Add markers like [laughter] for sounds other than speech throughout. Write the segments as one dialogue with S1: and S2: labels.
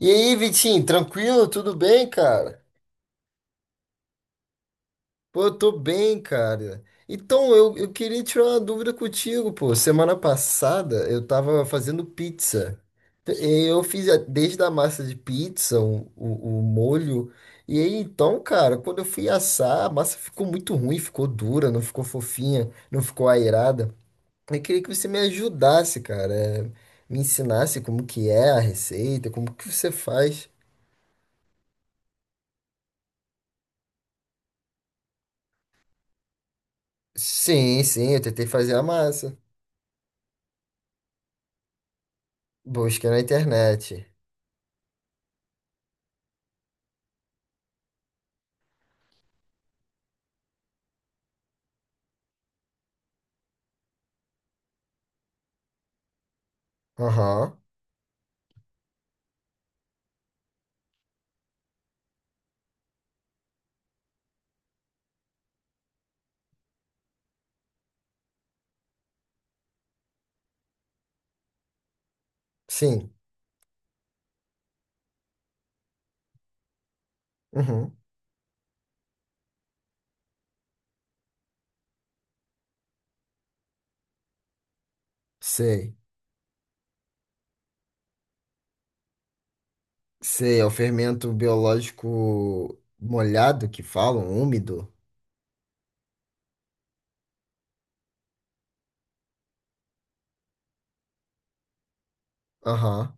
S1: E aí, Vitinho, tranquilo? Tudo bem, cara? Pô, eu tô bem, cara. Então, eu queria tirar uma dúvida contigo, pô. Semana passada eu tava fazendo pizza. Eu fiz desde a massa de pizza, o molho. E aí, então, cara, quando eu fui assar, a massa ficou muito ruim, ficou dura, não ficou fofinha, não ficou aerada. Eu queria que você me ajudasse, cara. Me ensinasse como que é a receita, como que você faz. Sim, sim, eu tentei fazer a massa. Busca na internet. Aham. Sim. Uhum. Sei. Sei, é o fermento biológico molhado que falam, úmido. Aham.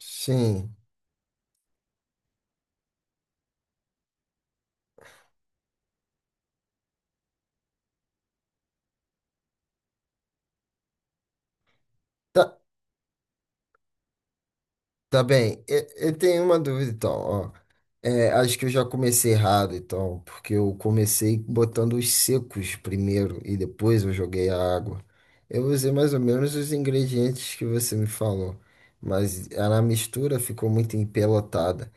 S1: Sim. Ta- Tá bem, eu tenho uma dúvida então, ó. É, acho que eu já comecei errado então, porque eu comecei botando os secos primeiro e depois eu joguei a água. Eu usei mais ou menos os ingredientes que você me falou, mas a mistura ficou muito empelotada.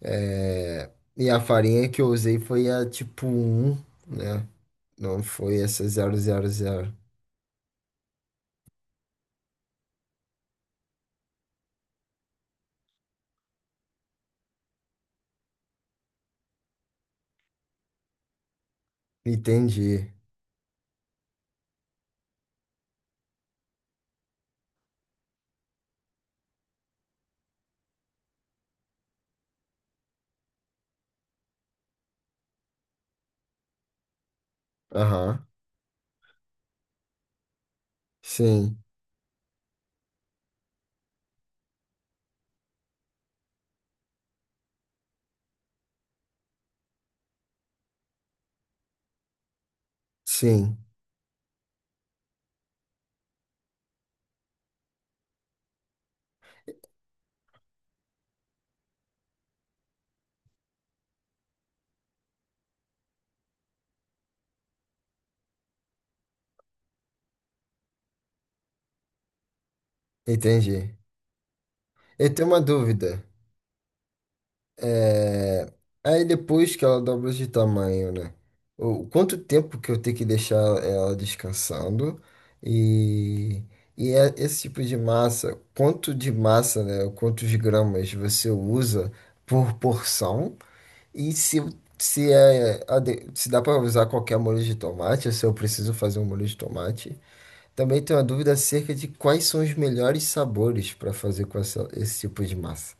S1: É, e a farinha que eu usei foi a tipo um, né? Não foi essa 000. Entendi. Aham. Sim, sim, entendi. Eu tenho uma dúvida. É... Aí depois que ela dobra de tamanho, né? O quanto tempo que eu tenho que deixar ela descansando? E, e é esse tipo de massa, quanto de massa, né? Quantos gramas você usa por porção? E se, se dá para usar qualquer molho de tomate, ou se eu preciso fazer um molho de tomate. Também tenho uma dúvida acerca de quais são os melhores sabores para fazer com esse tipo de massa.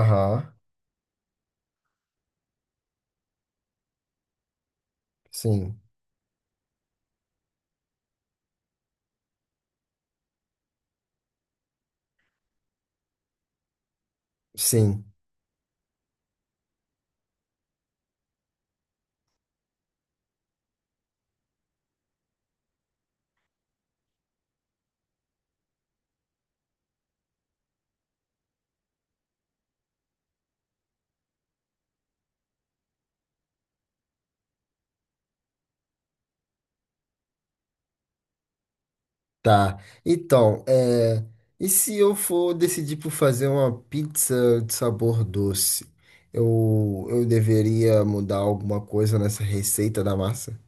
S1: Aham, sim, sim. Tá. Então, e se eu for decidir por fazer uma pizza de sabor doce? Eu deveria mudar alguma coisa nessa receita da massa?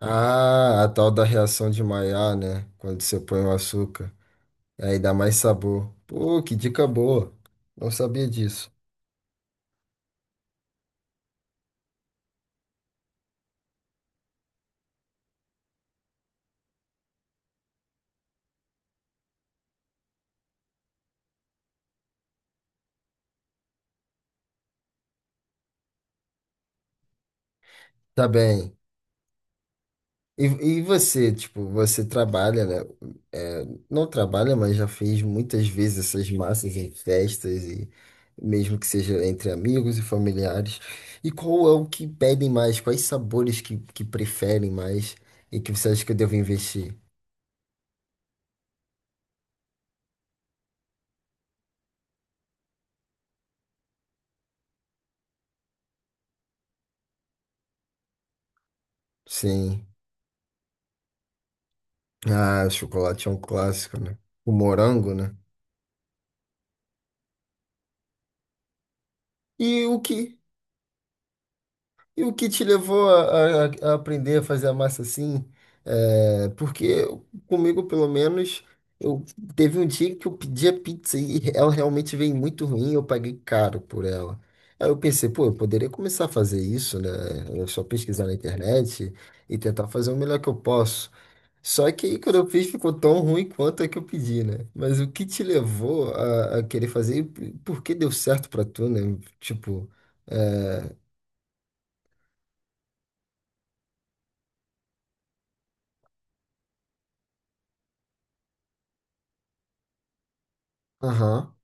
S1: Ah, a tal da reação de Maillard, né? Quando você põe o açúcar. Aí dá mais sabor. Pô, que dica boa. Não sabia disso. Tá bem. E, e você, tipo, você trabalha, né? É, não trabalha, mas já fez muitas vezes essas massas em festas e mesmo que seja entre amigos e familiares. E qual é o que pedem mais? Quais sabores que preferem mais e que você acha que eu devo investir? Sim. Ah, chocolate é um clássico, né? O morango, né? E o que, E o que te levou a, a aprender a fazer a massa assim? É, porque comigo, pelo menos, eu teve um dia que eu pedi a pizza e ela realmente veio muito ruim, e eu paguei caro por ela. Aí eu pensei, pô, eu poderia começar a fazer isso, né? É só pesquisar na internet e tentar fazer o melhor que eu posso. Só que aí quando eu fiz ficou tão ruim quanto é que eu pedi, né? Mas o que te levou a querer fazer e por que deu certo pra tu, né? Tipo, aham,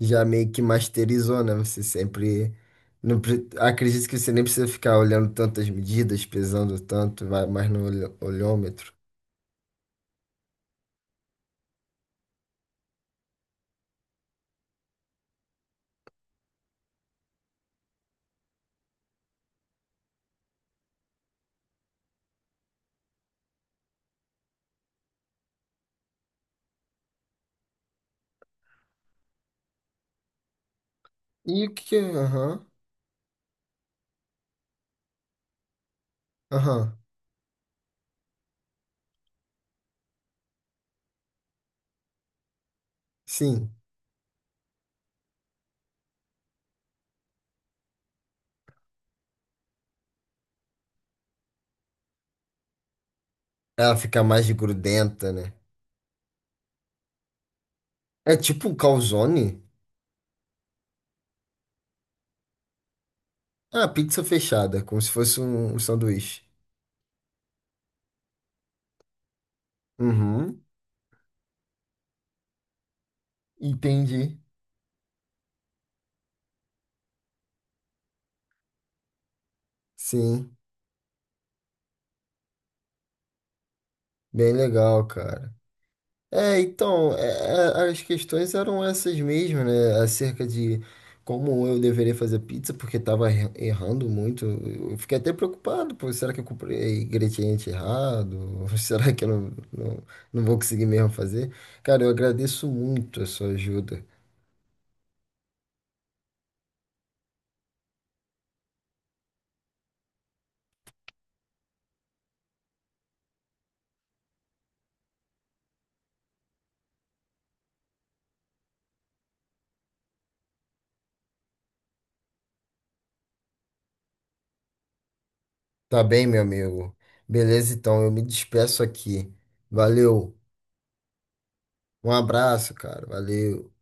S1: já meio que masterizou, né? Você sempre. Não, acredito que você nem precisa ficar olhando tantas medidas, pesando tanto, vai mais no olhômetro. E o que é? Aham, aham, sim. Ela fica mais grudenta, né? É tipo um calzone? Ah, pizza fechada, como se fosse um, um sanduíche. Uhum, entendi. Sim, bem legal, cara. É, então, as questões eram essas mesmo, né? Acerca de como eu deveria fazer pizza, porque estava errando muito. Eu fiquei até preocupado, pô, será que eu comprei ingrediente errado? [laughs] Será que eu não vou conseguir mesmo fazer? Cara, eu agradeço muito a sua ajuda. Tá bem, meu amigo? Beleza, então, eu me despeço aqui. Valeu. Um abraço, cara. Valeu.